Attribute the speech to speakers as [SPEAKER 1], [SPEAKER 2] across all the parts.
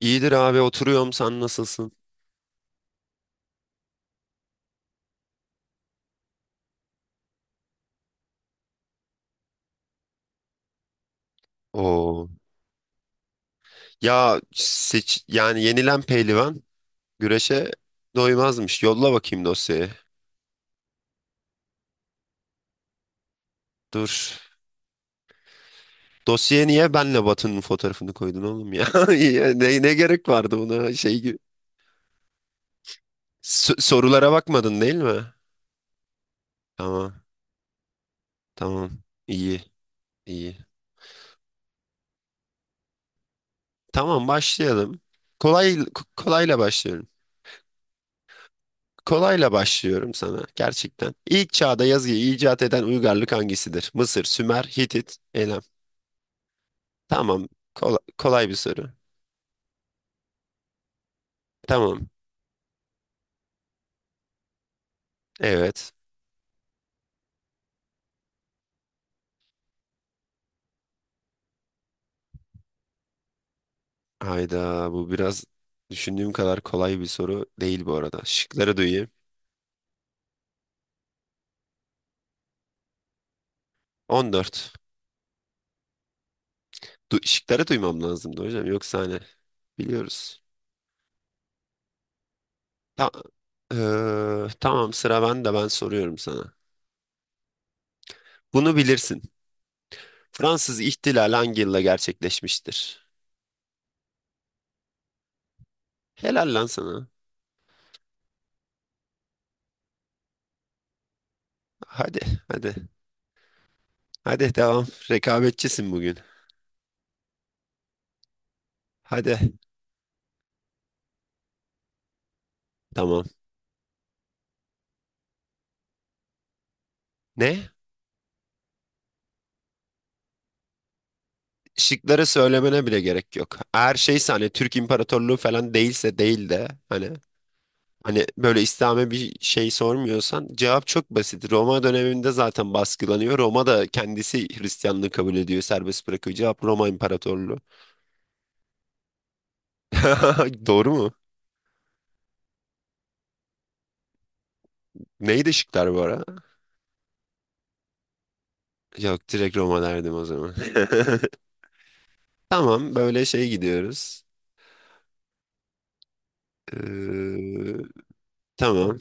[SPEAKER 1] İyidir abi, oturuyorum, sen nasılsın? Oo. Ya seç, yani yenilen pehlivan güreşe doymazmış. Yolla bakayım dosyayı. Dur. Dosyaya niye benle Batı'nın fotoğrafını koydun oğlum ya? Ya ne gerek vardı buna, şey gibi. Sorulara bakmadın değil mi? Tamam. Tamam. İyi. İyi. Tamam, başlayalım. Kolayla başlıyorum. Kolayla başlıyorum sana gerçekten. İlk çağda yazıyı icat eden uygarlık hangisidir? Mısır, Sümer, Hitit, Elam. Tamam. Kolay bir soru. Tamam. Evet. Hayda, bu biraz düşündüğüm kadar kolay bir soru değil bu arada. Şıkları duyayım. 14. Şıkları duymam lazımdı hocam. Yoksa hani biliyoruz. Ta- tamam, sıra bende, ben soruyorum sana. Bunu bilirsin. Fransız İhtilali hangi yılda gerçekleşmiştir? Helal lan sana. Hadi hadi. Hadi devam. Rekabetçisin bugün. Hadi. Tamam. Ne? Şıkları söylemene bile gerek yok. Eğer şeyse, hani Türk İmparatorluğu falan değilse, değil de hani, hani böyle İslam'a bir şey sormuyorsan cevap çok basit. Roma döneminde zaten baskılanıyor. Roma da kendisi Hristiyanlığı kabul ediyor, serbest bırakıyor. Cevap Roma İmparatorluğu. Doğru mu? Neydi şıklar bu ara? Yok, direkt Roma derdim o zaman. Tamam, böyle şey gidiyoruz. Ee, tamam.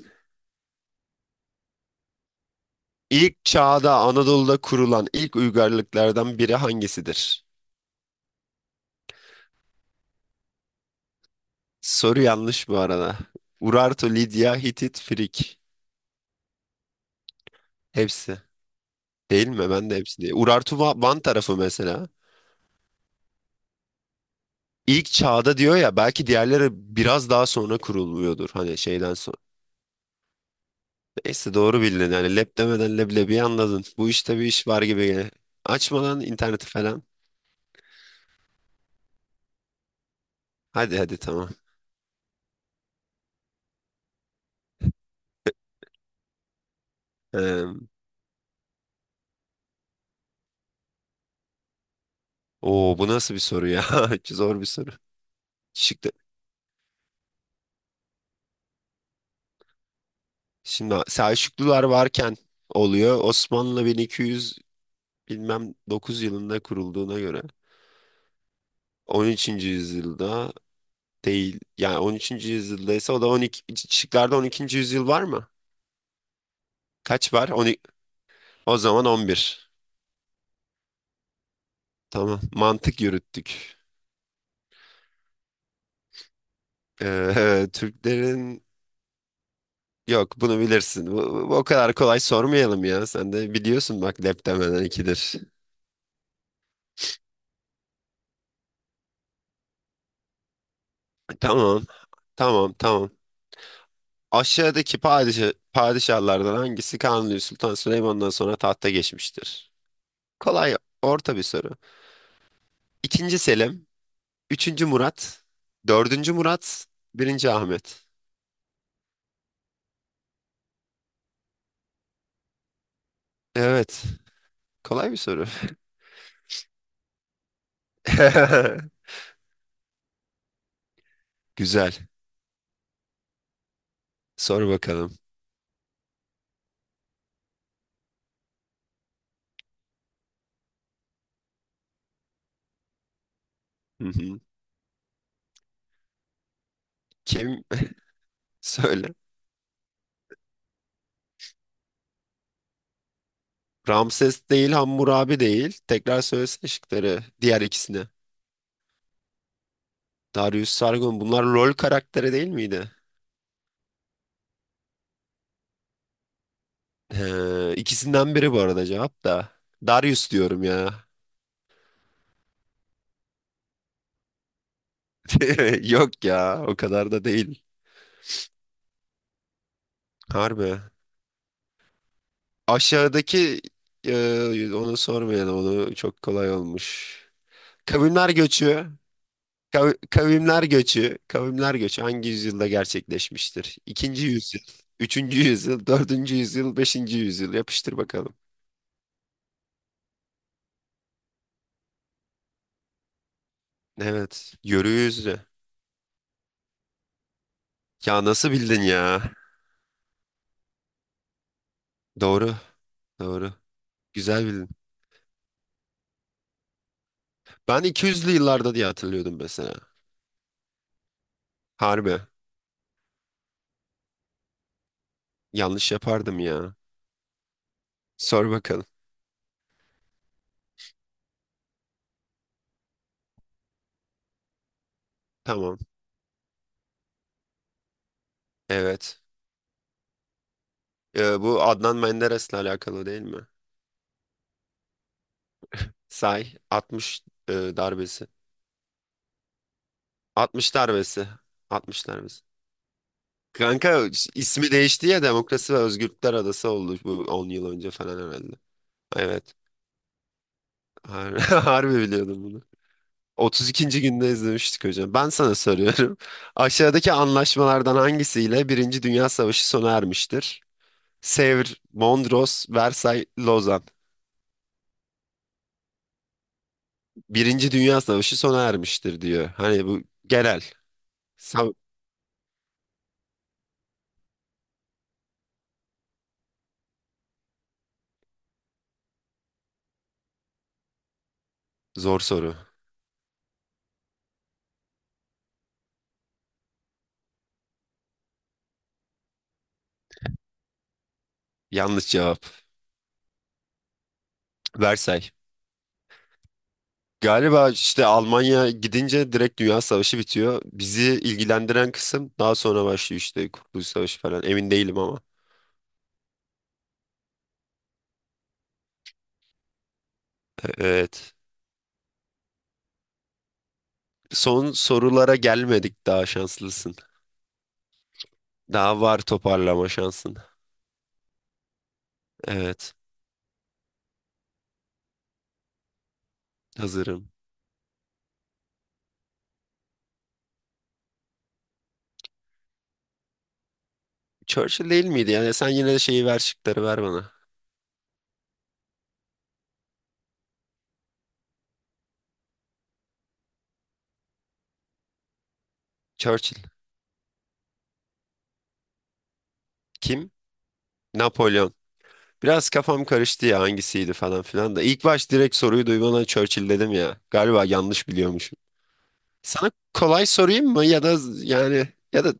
[SPEAKER 1] İlk çağda Anadolu'da kurulan ilk uygarlıklardan biri hangisidir? Soru yanlış bu arada. Urartu, Lidya, Hitit, Frik. Hepsi. Değil mi? Ben de hepsi değil. Urartu Van tarafı mesela. İlk çağda diyor ya, belki diğerleri biraz daha sonra kurulmuyordur. Hani şeyden sonra. Neyse, doğru bildin. Yani lep demeden leblebiyi anladın. Bu işte bir iş var gibi. Açma interneti falan. Hadi, tamam. Ee, Oo, bu nasıl bir soru ya? Zor bir soru. Şıklı. Şimdi Selçuklular varken oluyor. Osmanlı bilmem 9 yılında kurulduğuna göre on üçüncü yüzyılda değil. Yani 13. yüzyıldaysa, o da 12. Şıklarda 12. yüzyıl var mı? Kaç var? On iki. O zaman 11. Tamam. Mantık yürüttük. Türklerin, yok bunu bilirsin. O kadar kolay sormayalım ya. Sen de biliyorsun, bak lep demeden ikidir. Tamam. Tamam. Tamam. Aşağıdaki padişahlardan hangisi Kanuni Sultan Süleyman'dan sonra tahta geçmiştir? Kolay orta bir soru. İkinci Selim, üçüncü Murat, dördüncü Murat, birinci Ahmet. Evet, kolay bir soru. Güzel. Sor bakalım. Hı hı. Kim? Söyle. Ramses değil, Hammurabi değil. Tekrar söylesene şıkları. Diğer ikisini. Darius, Sargon. Bunlar rol karakteri değil miydi? İkisinden biri bu arada cevap da. Darius diyorum ya. Yok ya, o kadar da değil. Harbi. Aşağıdaki Onu sormayalım, onu çok kolay olmuş. Kavimler göçü kavimler göçü kavimler göçü hangi yüzyılda gerçekleşmiştir? İkinci yüzyıl, üçüncü yüzyıl, dördüncü yüzyıl, beşinci yüzyıl, yapıştır bakalım. Evet, yörü yüzlü. Ya nasıl bildin ya? Doğru, doğru. Güzel bildin. Ben 200'lü yıllarda diye hatırlıyordum mesela. Harbi. Yanlış yapardım ya. Sor bakalım. Tamam. Evet. Bu Adnan Menderes'le alakalı değil mi? Say. 60, darbesi. 60 darbesi. 60 darbesi. Kanka, ismi değişti ya, Demokrasi ve Özgürlükler Adası oldu, bu 10 yıl önce falan herhalde. Evet. Harbi biliyordum bunu. 32. günde izlemiştik hocam. Ben sana soruyorum. Aşağıdaki anlaşmalardan hangisiyle Birinci Dünya Savaşı sona ermiştir? Sevr, Mondros, Versay, Lozan. Birinci Dünya Savaşı sona ermiştir diyor. Hani bu genel. Sa- Zor soru. Yanlış cevap. Versay. Galiba işte Almanya gidince direkt Dünya Savaşı bitiyor. Bizi ilgilendiren kısım daha sonra başlıyor, işte Kurtuluş Savaşı falan. Emin değilim ama. Evet. Son sorulara gelmedik, daha şanslısın. Daha var, toparlama şansın. Evet. Hazırım. Churchill değil miydi? Yani sen yine de şeyi ver, şıkları ver bana. Churchill. Kim? Napolyon. Biraz kafam karıştı ya, hangisiydi falan filan da. İlk baş direkt soruyu duymadan Churchill dedim ya. Galiba yanlış biliyormuşum. Sana kolay sorayım mı, ya da yani, ya da,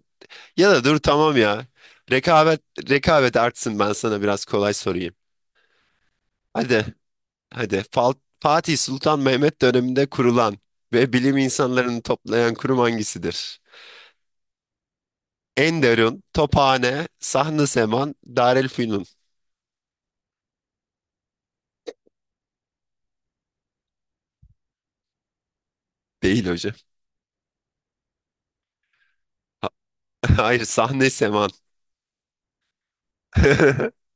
[SPEAKER 1] ya da dur, tamam ya. Rekabet Rekabet artsın, ben sana biraz kolay sorayım. Hadi hadi Fal- Fatih Sultan Mehmet döneminde kurulan ve bilim insanlarını toplayan kurum hangisidir? Enderun, Tophane, Sahn-ı Seman, Darülfünun. Değil hocam. Ha- Hayır, Sahn-ı Seman.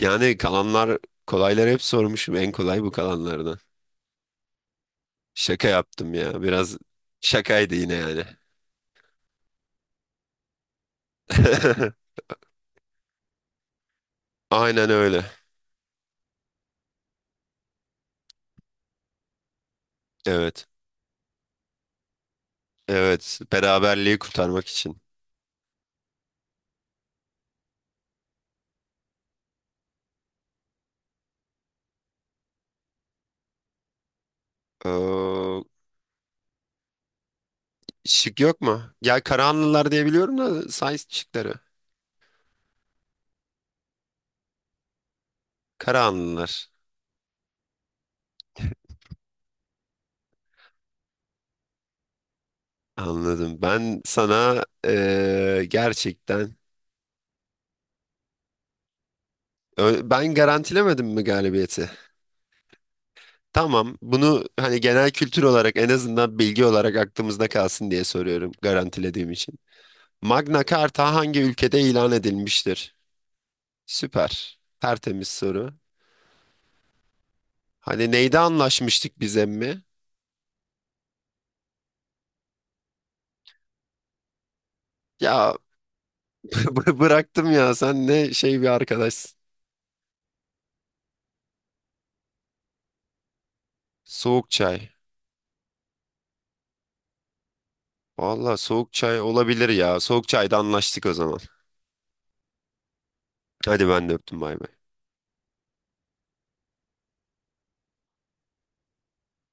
[SPEAKER 1] Yani kalanlar, kolayları hep sormuşum. En kolay bu kalanlardan. Şaka yaptım ya. Biraz şakaydı yine yani. Aynen öyle. Evet. Evet. Beraberliği kurtarmak için. Ee, şık yok mu? Ya Karahanlılar diye biliyorum da, Sais şıkları. Karahanlılar. Anladım. Ben sana gerçekten, ben garantilemedim mi galibiyeti? Tamam. Bunu hani genel kültür olarak, en azından bilgi olarak aklımızda kalsın diye soruyorum, garantilediğim için. Magna Carta hangi ülkede ilan edilmiştir? Süper. Tertemiz soru. Hani neyde anlaşmıştık biz emmi? Ya bıraktım ya, sen ne şey bir arkadaşsın. Soğuk çay. Valla soğuk çay olabilir ya. Soğuk çayda anlaştık o zaman. Hadi ben de öptüm, bay bay.